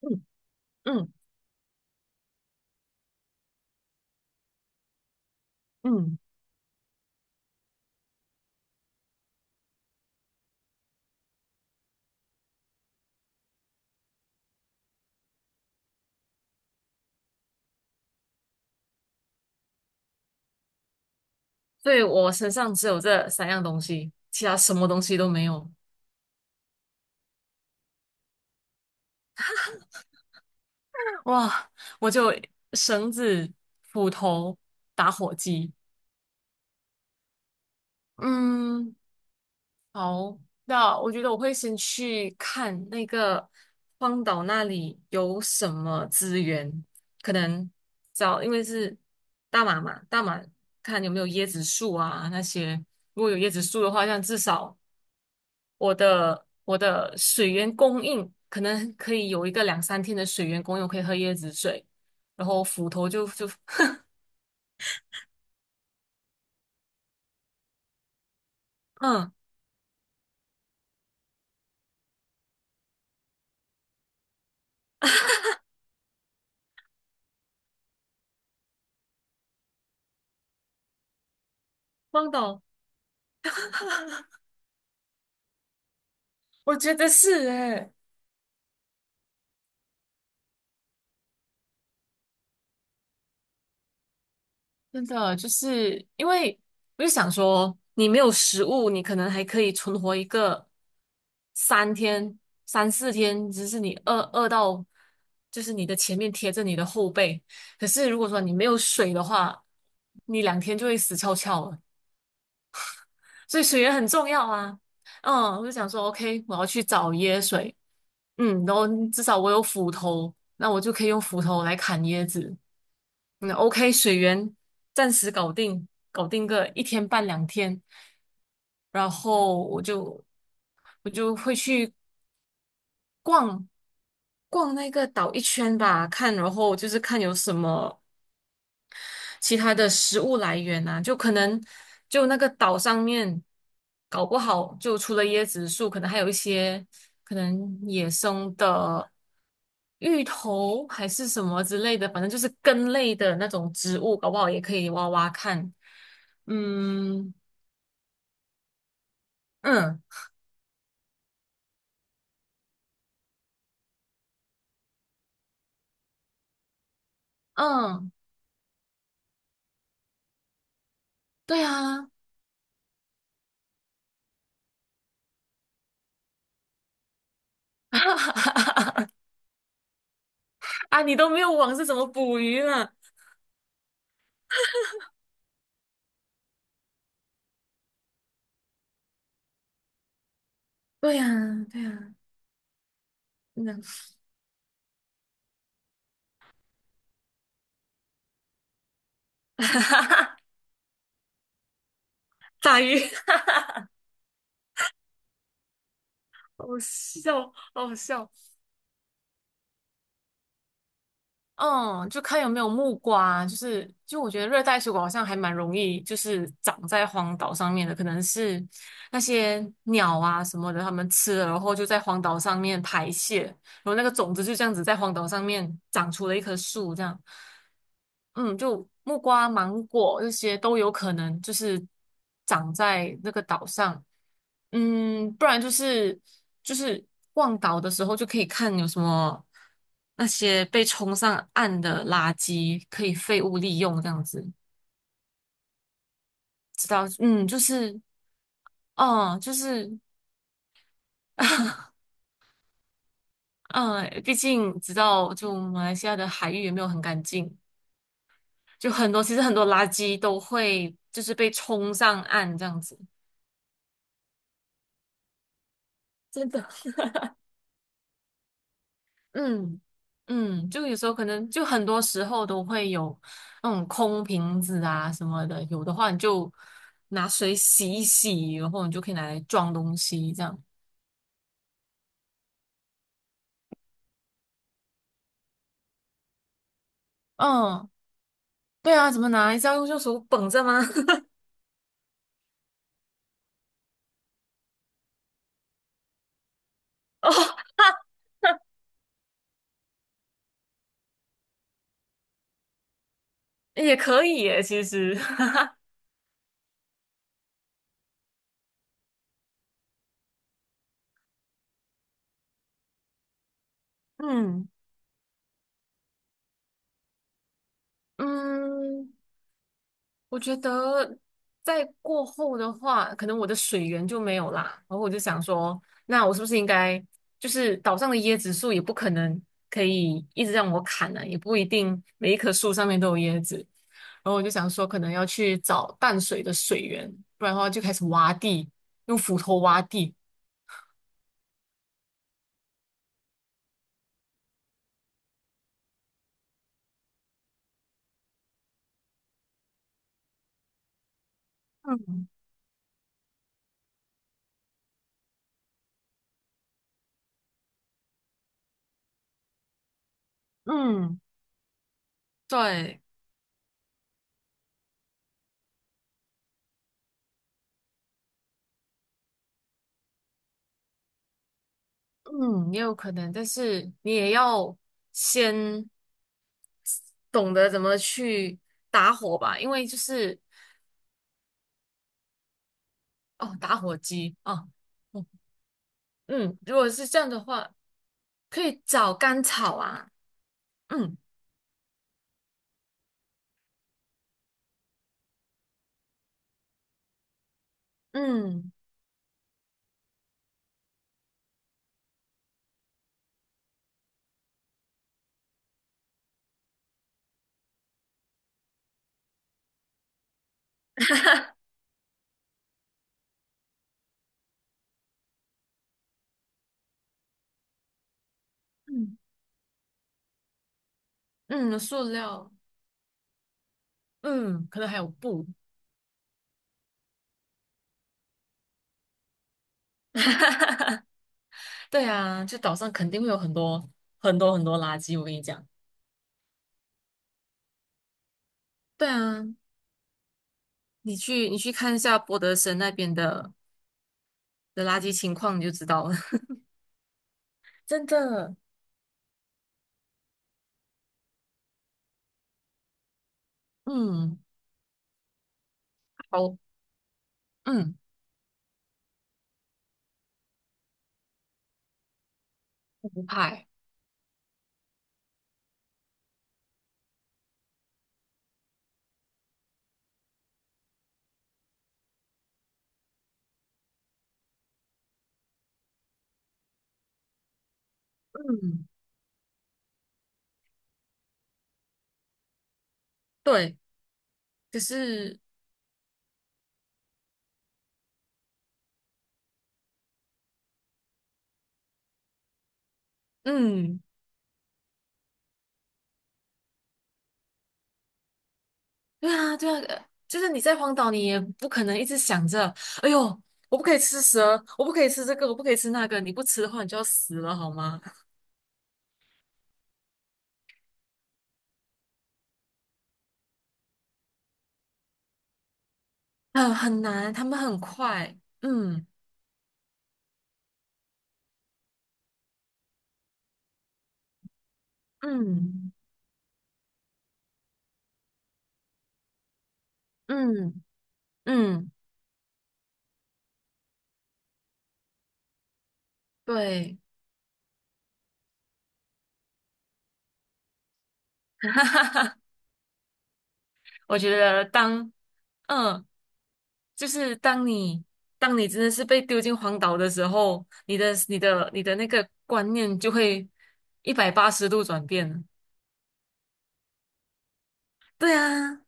嗯嗯嗯，所以我身上只有这三样东西，其他什么东西都没有。哇，我就绳子、斧头、打火机。嗯，好，那我觉得我会先去看那个荒岛那里有什么资源，可能找，因为是大马嘛，大马看有没有椰子树啊那些。如果有椰子树的话，这样至少。我的水源供应可能可以有一个两三天的水源供应，我可以喝椰子水，然后斧头就 嗯，汪岛，我觉得是诶，真的就是因为我就想说，你没有食物，你可能还可以存活一个三天、3、4天，只是你饿到就是你的前面贴着你的后背，可是如果说你没有水的话，你两天就会死翘翘了。所以水源很重要啊。嗯，我就想说，OK，我要去找椰水，嗯，然后至少我有斧头，那我就可以用斧头来砍椰子。那 o k 水源暂时搞定，搞定个一天半两天，然后我就会去逛逛那个岛一圈吧，看，然后就是看有什么其他的食物来源啊，就可能就那个岛上面，搞不好就除了椰子树，可能还有一些可能野生的芋头还是什么之类的，反正就是根类的那种植物，搞不好也可以挖挖看。嗯嗯嗯，对啊，啊，你都没有网是怎么捕鱼呢？对呀，对呀，那 打鱼，好笑，好笑。嗯，就看有没有木瓜，就是就我觉得热带水果好像还蛮容易，就是长在荒岛上面的，可能是那些鸟啊什么的，它们吃了然后就在荒岛上面排泄，然后那个种子就这样子在荒岛上面长出了一棵树，这样，嗯，就木瓜、芒果这些都有可能就是长在那个岛上，嗯，不然就是就是逛岛的时候就可以看有什么那些被冲上岸的垃圾可以废物利用这样子，知道，嗯，就是，哦，就是。嗯，毕竟知道就马来西亚的海域也没有很干净，就很多，其实很多垃圾都会就是被冲上岸这样子。真的，嗯嗯，就有时候可能就很多时候都会有那种空瓶子啊什么的，有的话你就拿水洗一洗，然后你就可以拿来装东西这样。嗯，对啊，怎么拿？是要用右手捧着吗？哦，也可以耶，其实。嗯嗯，我觉得在过后的话，可能我的水源就没有啦。然后我就想说，那我是不是应该，就是岛上的椰子树也不可能可以一直让我砍呢、也不一定每一棵树上面都有椰子。然后我就想说，可能要去找淡水的水源，不然的话就开始挖地，用斧头挖地。嗯嗯，对，嗯，也有可能，但是你也要先懂得怎么去打火吧，因为就是。哦，打火机哦，嗯嗯，如果是这样的话，可以找干草啊，嗯嗯嗯嗯，塑料，嗯，可能还有布，对啊，就岛上肯定会有很多很多很多垃圾，我跟你讲，对啊，你去你去看一下博德森那边的的垃圾情况，你就知道了，真的，嗯，好，嗯，不怕欸嗯，对，可是，嗯。对啊，对啊，就是你在荒岛，你也不可能一直想着，哎呦，我不可以吃蛇，我不可以吃这个，我不可以吃那个，你不吃的话，你就要死了，好吗？很难，他们很快，嗯嗯嗯嗯，对，哈哈哈，我觉得嗯，就是当你真的是被丢进荒岛的时候，你的那个观念就会180度转变了。对啊，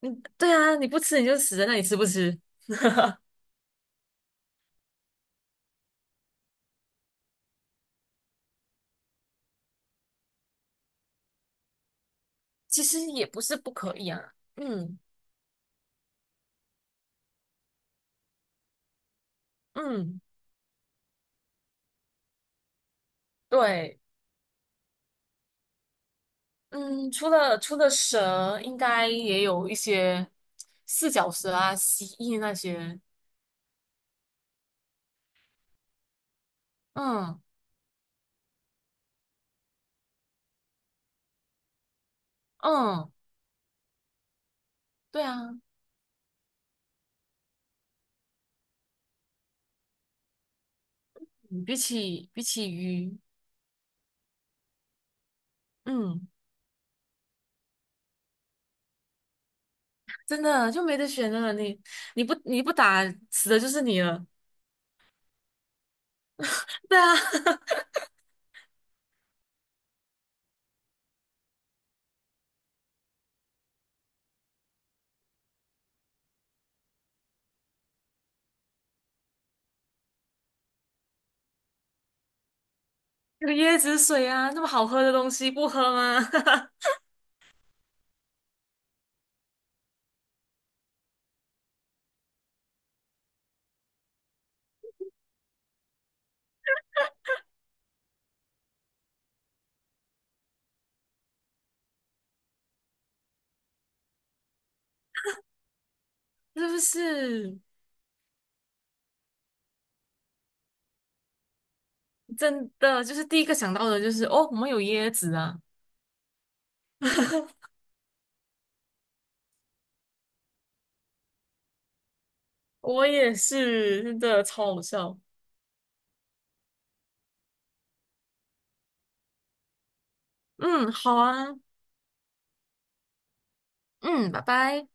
嗯，对啊，你不吃你就死在那里，吃不吃？其实也不是不可以啊，嗯嗯，对，嗯，除了蛇，应该也有一些四脚蛇啊、蜥蜴那些，嗯嗯，对啊，嗯比起鱼，嗯，真的就没得选了。你不打死的就是你了。对啊，有椰子水啊，那么好喝的东西不喝吗？是不是？真的就是第一个想到的就是哦，我们有椰子啊。我也是，真的超好笑。嗯，好啊，嗯，拜拜。